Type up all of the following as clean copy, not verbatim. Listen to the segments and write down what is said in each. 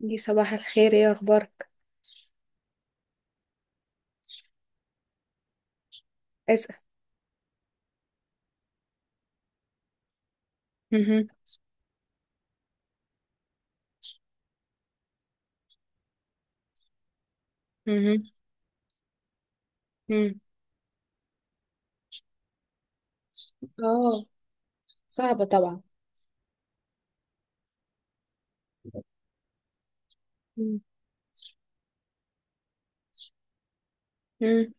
دي صباح الخير، ايه اخبارك؟ اسأل. مهم. مهم. مم. اه، صعبة طبعا. مم. مم.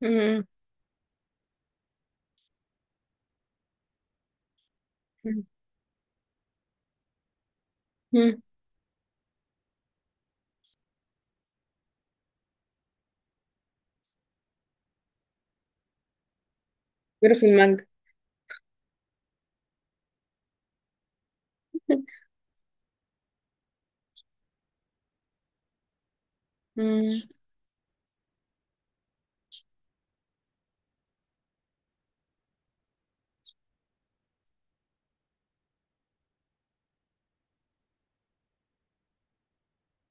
مم. مم. غير في المجد. مم.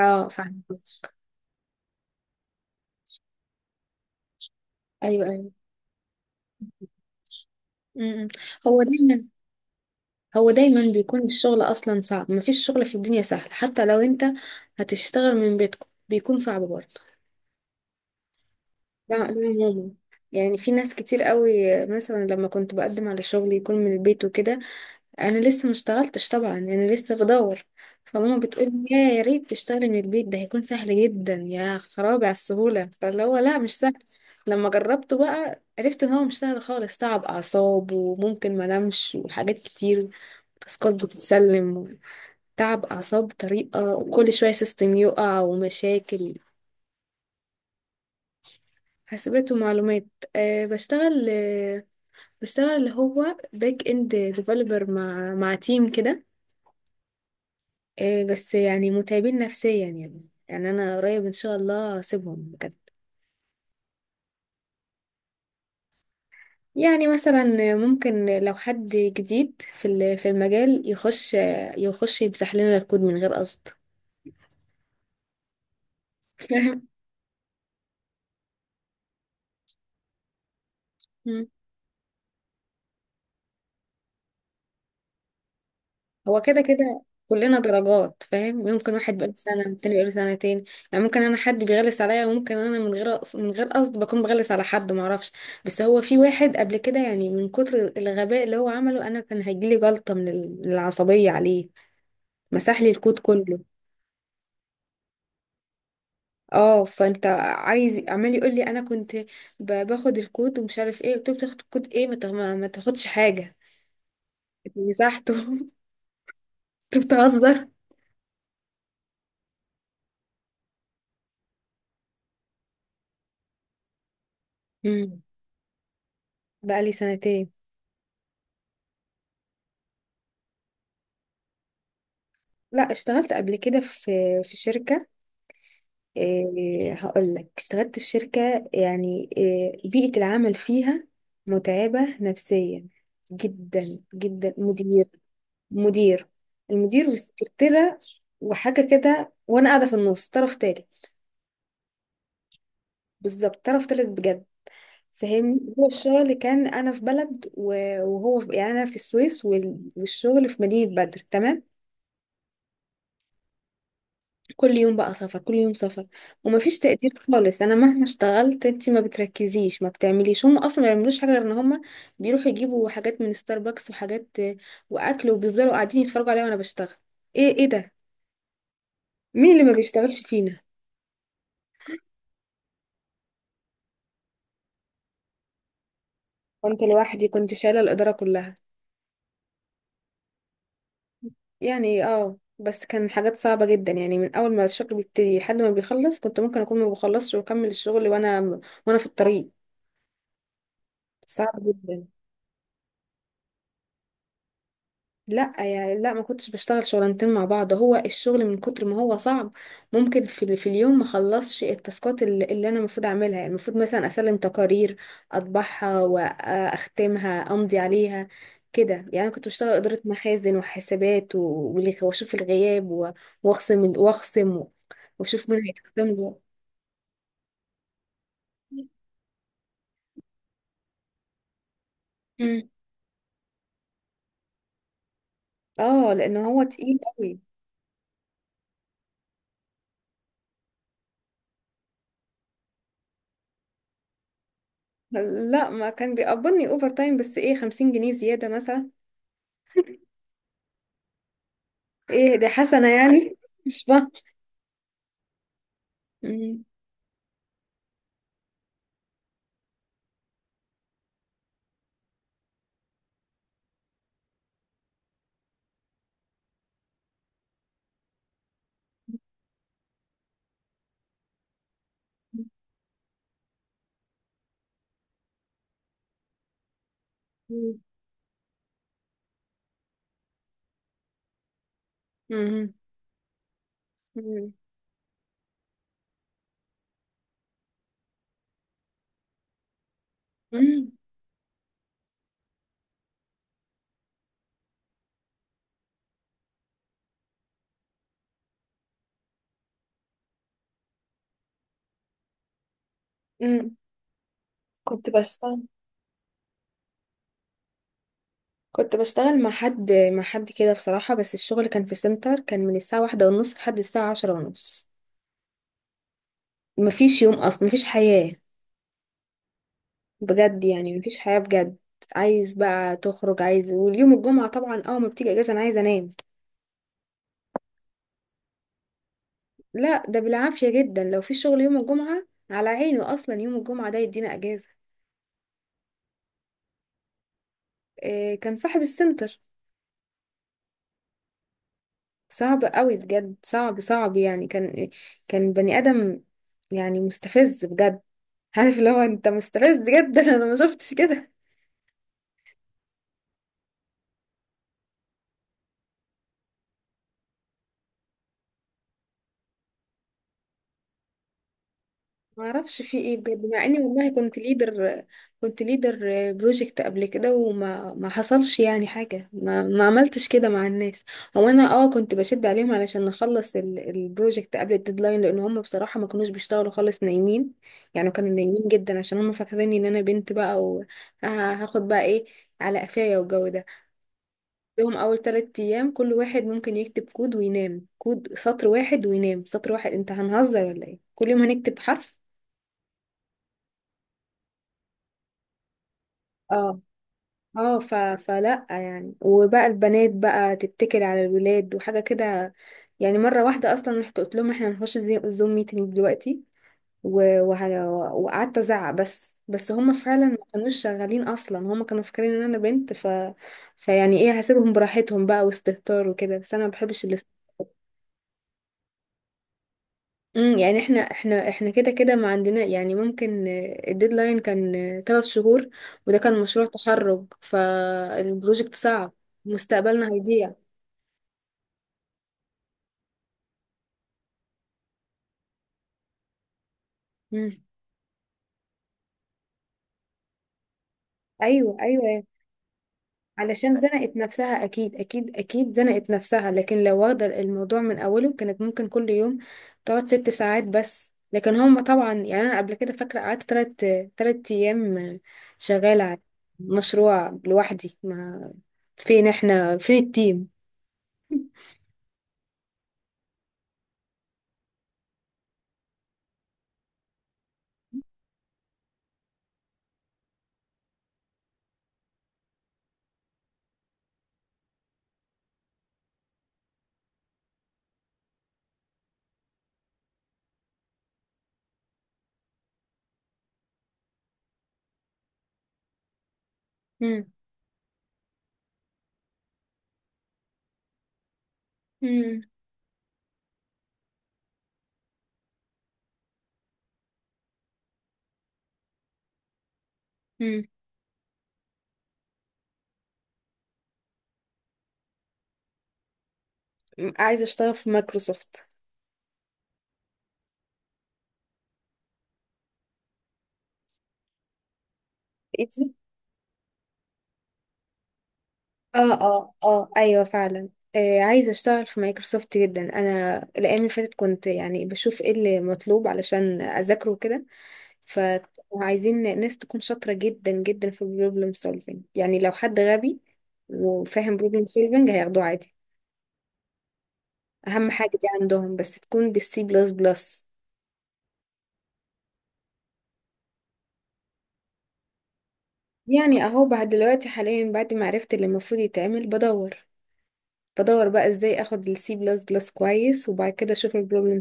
اه، فاهمة قصدك. ايوه ايوه. مم. هو دايما هو دايما بيكون الشغل اصلا صعب، مفيش شغل في الدنيا سهل، حتى لو انت هتشتغل من بيتكم بيكون صعب برضه. لا لا يا ماما، يعني في ناس كتير قوي، مثلا لما كنت بقدم على شغل يكون من البيت وكده، انا لسه ما اشتغلتش طبعا، انا لسه بدور، فماما بتقول لي يا ريت تشتغلي من البيت، ده هيكون سهل جدا. يا خرابي على السهوله، فاللي هو لا، مش سهل. لما جربته بقى عرفت ان هو مش سهل خالص، تعب اعصاب وممكن ما انامش وحاجات كتير، تاسكات بتتسلم، تعب اعصاب بطريقه، كل شويه سيستم يقع ومشاكل. حاسبات ومعلومات. أه، بشتغل. بشتغل اللي هو باك اند ديفلوبر مع تيم كده. إيه بس يعني متعبين نفسيا يعني انا قريب ان شاء الله هسيبهم بجد. يعني مثلا ممكن لو حد جديد في المجال يخش يمسح لنا الكود من غير قصد. فاهم. مم. هو كده كده، كلنا درجات فاهم، ممكن واحد بقاله سنة والتاني بقاله سنتين. يعني ممكن انا حد بيغلس عليا، وممكن انا من غير قصد بكون بغلس على حد معرفش. بس هو في واحد قبل كده، يعني من كتر الغباء اللي هو عمله، انا كان هيجيلي جلطة من العصبية عليه. مسح لي الكود كله. اه، فانت عايز عمال يقول لي انا كنت باخد الكود ومش عارف ايه، قلت له بتاخد الكود ايه؟ ما تاخدش حاجه. مسحته. انت بتهزر. امم. بقى لي سنتين. لا، اشتغلت قبل كده في شركه. إيه، هقول لك اشتغلت في شركه، يعني إيه بيئه العمل فيها. متعبه نفسيا جدا جدا. مدير مدير المدير والسكرتيره وحاجه كده، وانا قاعده في النص، طرف تالت. بالظبط، طرف تالت بجد. فاهمني، هو الشغل كان انا في بلد وهو في، يعني انا في السويس والشغل في مدينة بدر، تمام. كل يوم بقى سفر، كل يوم سفر. ومفيش تقدير خالص، انا مهما اشتغلت، انت ما بتركزيش ما بتعمليش، هم اصلا ما بيعملوش حاجه غير ان هم بيروحوا يجيبوا حاجات من ستاربكس وحاجات واكل، وبيفضلوا قاعدين يتفرجوا عليا وانا بشتغل. ايه، ايه ده؟ مين اللي ما بيشتغلش فينا؟ كنت لوحدي، كنت شايله الاداره كلها. يعني بس كان حاجات صعبة جدا، يعني من أول ما الشغل بيبتدي لحد ما بيخلص كنت ممكن أكون ما بخلصش وأكمل الشغل، وأنا في الطريق. صعب جدا. لا يعني، لا ما كنتش بشتغل شغلانتين مع بعض، هو الشغل من كتر ما هو صعب، ممكن في اليوم ما اخلصش التاسكات اللي انا المفروض اعملها، يعني المفروض مثلا اسلم تقارير، اطبعها واختمها، امضي عليها، كده يعني. أنا كنت بشتغل اداره مخازن وحسابات واشوف الغياب، و- واخصم ال- واخصم و- واشوف مين هيتخصم له. مم. اه، لان هو تقيل قوي. لا، ما كان بيقبضني اوفر تايم، بس ايه، 50 جنيه زياده مثلا. ايه، دي حسنة يعني. مش فاهمة. مم. مم. مم. مم. مم. مم. كنت بشتغل كنت بشتغل مع حد كده بصراحة، بس الشغل كان في سنتر، كان من الساعة 1:30 لحد الساعة 10:30. مفيش يوم أصلا، مفيش حياة بجد، يعني مفيش حياة بجد. عايز بقى تخرج عايز، واليوم الجمعة طبعا اه ما بتيجي اجازة، انا عايزة انام. لا، ده بالعافية جدا، لو في شغل يوم الجمعة على عيني، اصلا يوم الجمعة ده يدينا اجازة. إيه، كان صاحب السنتر. صعب قوي بجد، صعب صعب يعني، كان بني ادم، يعني مستفز بجد. عارف اللي هو انت مستفز جدا، انا ما شفتش كده. ما اعرفش في ايه بجد، مع اني والله كنت ليدر بروجكت قبل كده، وما ما حصلش يعني حاجه، ما عملتش كده مع الناس. هو انا كنت بشد عليهم علشان نخلص البروجكت قبل الديدلاين، لان هم بصراحه ما كانوش بيشتغلوا خالص، نايمين، يعني كانوا نايمين جدا عشان هم فاكريني ان انا بنت بقى، وهاخد بقى ايه، على قفايا والجو ده. لهم اول 3 ايام كل واحد ممكن يكتب كود وينام، كود سطر واحد وينام سطر واحد. انت هنهزر ولا ايه؟ كل يوم هنكتب حرف. اه اه، فلا يعني، وبقى البنات بقى تتكل على الولاد وحاجة كده. يعني مرة واحدة أصلا رحت قلت لهم احنا هنخش زوم ميتنج دلوقتي، وقعدت أزعق، بس هم فعلا ما كانوش شغالين أصلا، هم كانوا فاكرين إن أنا بنت. فيعني إيه، هسيبهم براحتهم بقى، واستهتار وكده، بس أنا ما بحبش الاست... مم، يعني احنا كده كده ما عندنا. يعني ممكن الديدلاين كان 3 شهور، وده كان مشروع تخرج، فالبروجكت صعب. مستقبلنا هيضيع. مم. ايوه ايوه. علشان زنقت نفسها، اكيد اكيد اكيد زنقت نفسها، لكن لو واخده الموضوع من اوله كانت ممكن كل يوم تقعد 6 ساعات بس. لكن هم طبعا، يعني انا قبل كده فاكره قعدت 3 ايام شغاله على مشروع لوحدي. ما فين احنا، فين التيم؟ مم. مم. مم. عايزه اشتغل في مايكروسوفت. اه اه اه، ايوه فعلا. آه، عايزه اشتغل في مايكروسوفت جدا، انا الايام اللي فاتت كنت يعني بشوف ايه اللي مطلوب علشان اذاكره كده. فعايزين ناس تكون شاطره جدا جدا في البروبلم سولفينج، يعني لو حد غبي وفاهم بروبلم سولفينج هياخدوه عادي. اهم حاجه دي عندهم، بس تكون بالسي بلس بلس. يعني اهو، بعد دلوقتي حاليا، بعد ما عرفت اللي المفروض يتعمل بدور، بقى ازاي اخد السي بلس بلس كويس، وبعد كده اشوف البروبلم.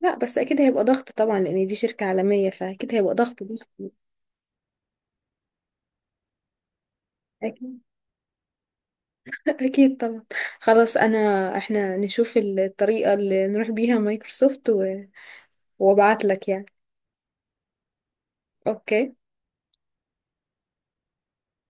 لا، بس اكيد هيبقى ضغط طبعا، لان دي شركة عالمية، فاكيد هيبقى ضغط ضغط. اكيد، اكيد طبعا. خلاص انا، احنا نشوف الطريقة اللي نروح بيها مايكروسوفت، وابعت لك يعني. اوكي